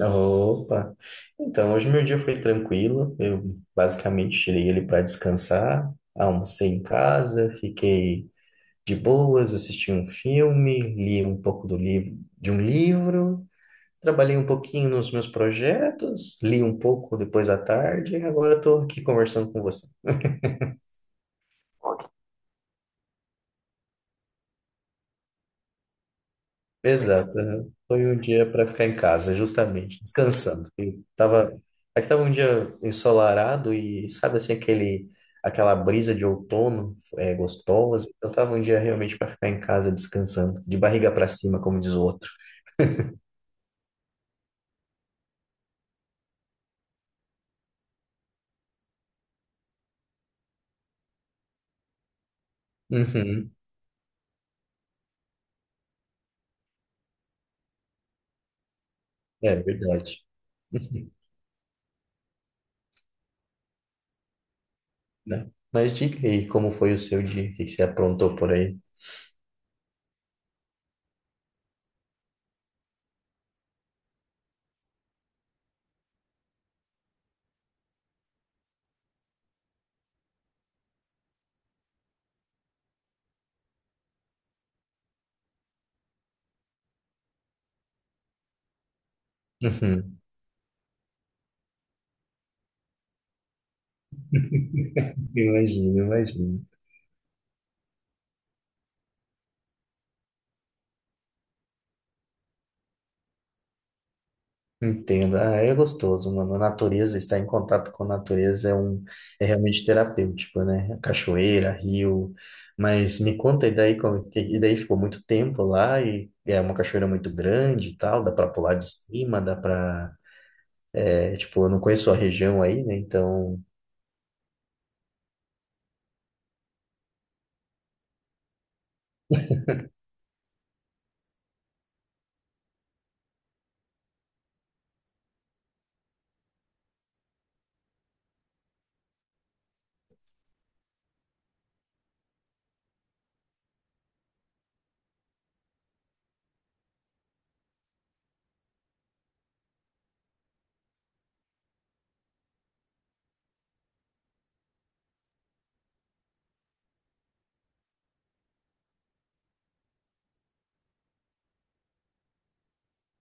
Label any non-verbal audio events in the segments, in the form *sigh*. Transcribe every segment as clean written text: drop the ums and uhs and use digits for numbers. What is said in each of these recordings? Opa! Então, hoje meu dia foi tranquilo. Eu basicamente tirei ele para descansar, almocei em casa, fiquei de boas, assisti um filme, li um pouco do livro, de um livro, trabalhei um pouquinho nos meus projetos, li um pouco depois à tarde e agora estou aqui conversando com você. Exato, aham. Foi um dia para ficar em casa, justamente, descansando. E tava, aqui tava um dia ensolarado e sabe assim aquele aquela brisa de outono é gostosa. Então tava um dia realmente para ficar em casa descansando, de barriga para cima, como diz o outro. Uhum. É verdade. Uhum, né? Mas diga aí, como foi o seu dia? O que que você aprontou por aí? Uhum. *laughs* Imagino, imagino. Entendo. Ah, é gostoso, mano. A natureza, estar em contato com a natureza é realmente terapêutico, né? Cachoeira, rio. Mas me conta, e daí, e daí ficou muito tempo lá e é uma cachoeira muito grande e tal, dá pra pular de cima, é, tipo, eu não conheço a região aí, né? Então,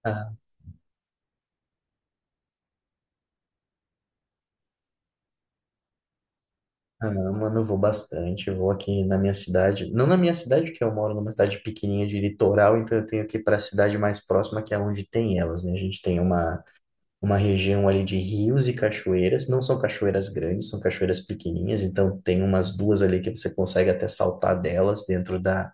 ah, ah, mano, eu vou bastante. Eu vou aqui na minha cidade, não na minha cidade, porque eu moro numa cidade pequenininha de litoral, então eu tenho que ir para a cidade mais próxima, que é onde tem elas, né? A gente tem uma região ali de rios e cachoeiras. Não são cachoeiras grandes, são cachoeiras pequenininhas, então tem umas duas ali que você consegue até saltar delas dentro da,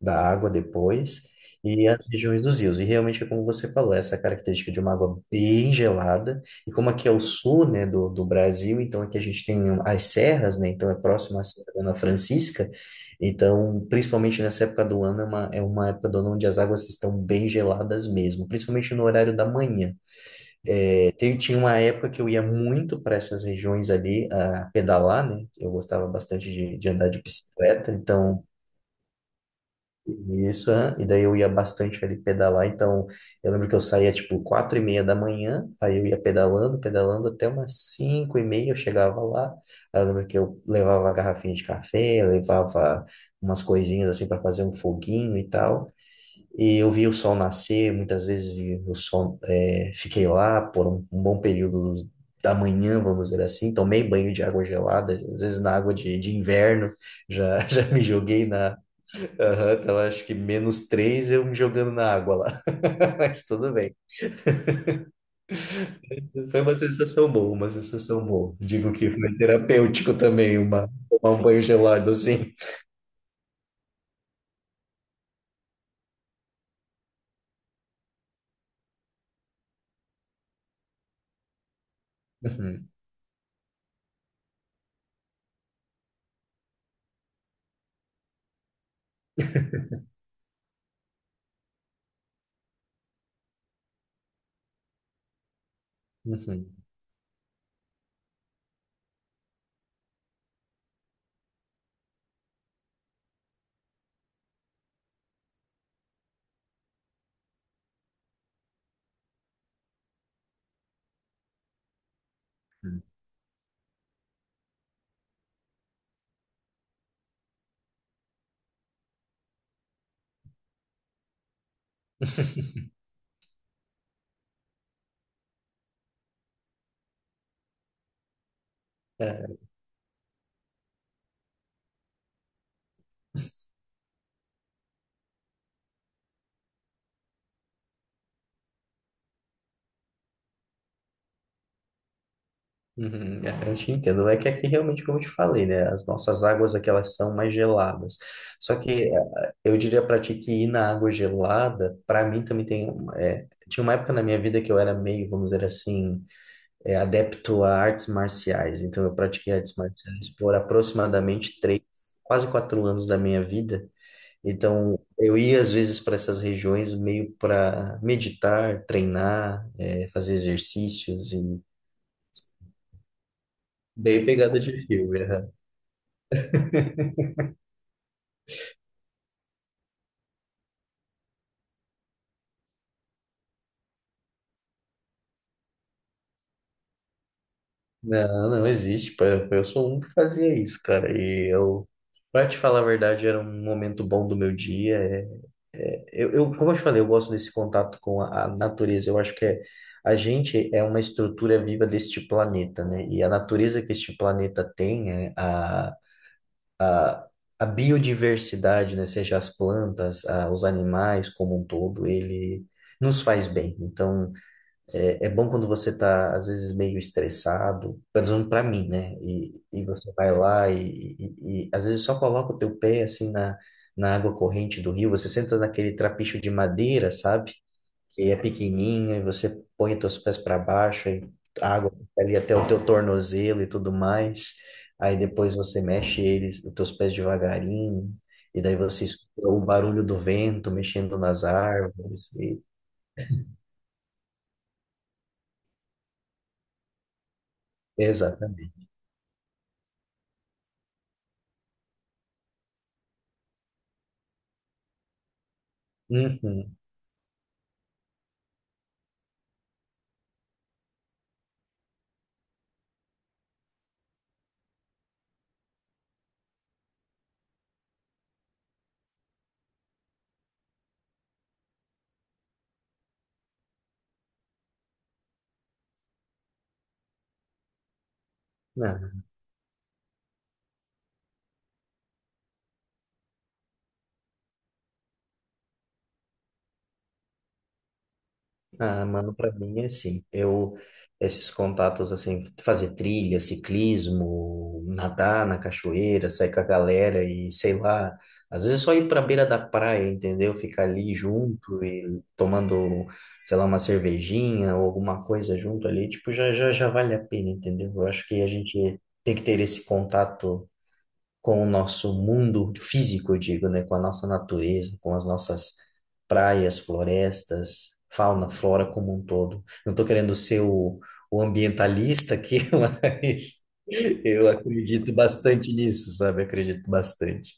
da água depois. E as regiões dos rios. E realmente é como você falou, essa característica de uma água bem gelada. E como aqui é o sul, né, do Brasil, então aqui a gente tem um, as serras, né, então é próximo à Serra da Dona Francisca. Então, principalmente nessa época do ano, é uma época do ano onde as águas estão bem geladas mesmo, principalmente no horário da manhã. Tinha uma época que eu ia muito para essas regiões ali a pedalar, né? Eu gostava bastante de andar de bicicleta, então isso, aham, e daí eu ia bastante ali pedalar. Então eu lembro que eu saía tipo 4h30 da manhã, aí eu ia pedalando, pedalando até umas 5h30 eu chegava lá. Aí eu lembro que eu levava a garrafinha de café, levava umas coisinhas assim para fazer um foguinho e tal. E eu vi o sol nascer, muitas vezes vi o sol, é, fiquei lá por um bom período da manhã, vamos dizer assim. Tomei banho de água gelada, às vezes na água de inverno, já, *laughs* já me joguei na. Aham, tava acho que -3 eu me jogando na água lá. *laughs* Mas tudo bem. Foi uma sensação boa, uma sensação boa. Digo que foi terapêutico também, tomar um banho gelado assim. Uhum, uhum, uhum. *laughs* Uhum, é, eu te entendo. É que aqui realmente, como eu te falei, né? As nossas águas aqui elas são mais geladas. Só que eu diria pra ti que ir na água gelada, pra mim também tem. É, tinha uma época na minha vida que eu era meio, vamos dizer assim, adepto a artes marciais. Então eu pratiquei artes marciais por aproximadamente quase 4 anos da minha vida. Então eu ia às vezes para essas regiões meio para meditar, treinar, fazer exercícios e bem pegada de filme. Não, não existe. Pô, eu sou um que fazia isso, cara. E pra te falar a verdade, era um momento bom do meu dia. É, como eu te falei, eu gosto desse contato com a natureza. Eu acho que é, a gente é uma estrutura viva deste planeta, né? E a natureza que este planeta tem, a biodiversidade, né? Seja as plantas, os animais como um todo, ele nos faz bem. Então. É, é bom quando você tá, às vezes, meio estressado, pelo menos pra mim, né? E você vai lá e às vezes, só coloca o teu pé, assim, na água corrente do rio. Você senta naquele trapicho de madeira, sabe? Que é pequenininho e você põe os teus pés para baixo e a água fica ali até o teu tornozelo e tudo mais. Aí depois você mexe eles, os teus pés devagarinho. E daí você escuta o barulho do vento mexendo nas árvores. E... Exatamente. Uhum. Ah, ah, mano, pra mim é assim. Esses contatos, assim, fazer trilha, ciclismo, nadar na cachoeira, sair com a galera e sei lá. Às vezes é só ir pra beira da praia, entendeu? Ficar ali junto e tomando, sei lá, uma cervejinha ou alguma coisa junto ali, tipo, já vale a pena, entendeu? Eu acho que a gente tem que ter esse contato com o nosso mundo físico, eu digo, né? Com a nossa natureza, com as nossas praias, florestas, fauna, flora como um todo. Não estou querendo ser o ambientalista aqui, *laughs* mas eu acredito bastante nisso, sabe? Acredito bastante.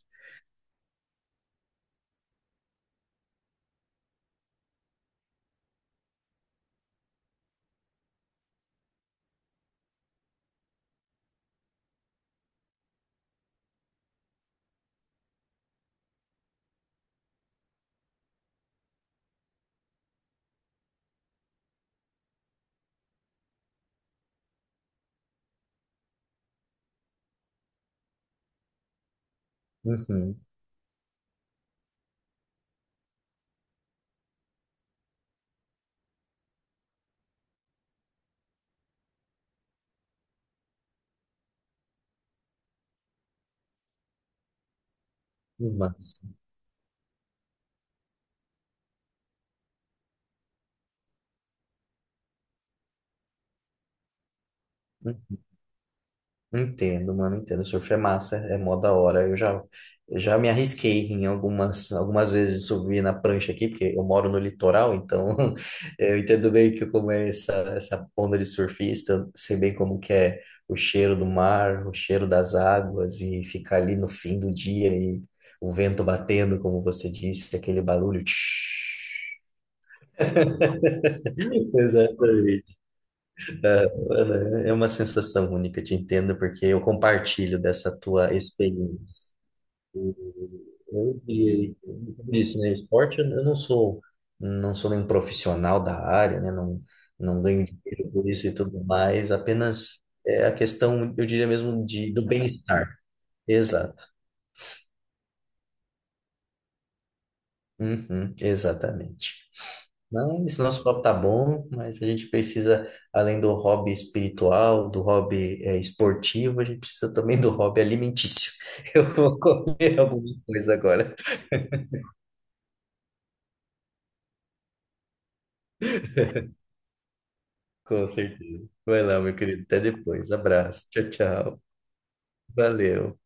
Uhum, massa. Entendo, mano, entendo. Surf é massa, é mó da hora. Eu já me arrisquei em algumas vezes de subir na prancha aqui, porque eu moro no litoral, então *laughs* eu entendo bem que como é essa onda de surfista, sei bem como que é o cheiro do mar, o cheiro das águas e ficar ali no fim do dia e o vento batendo, como você disse, aquele barulho. *laughs* Exatamente. Mano, é é uma sensação única, te entendo, porque eu compartilho dessa tua experiência. Como eu disse, né, esporte, eu não sou, não sou nenhum profissional da área, né, não, não ganho dinheiro por isso e tudo mais, apenas é a questão, eu diria mesmo, do bem-estar. Exato. Uhum, exatamente. Não, esse nosso papo tá bom, mas a gente precisa, além do hobby espiritual, do hobby esportivo, a gente precisa também do hobby alimentício. *laughs* Eu vou comer alguma coisa agora. Com certeza. Vai lá, meu querido. Até depois. Abraço. Tchau, tchau. Valeu.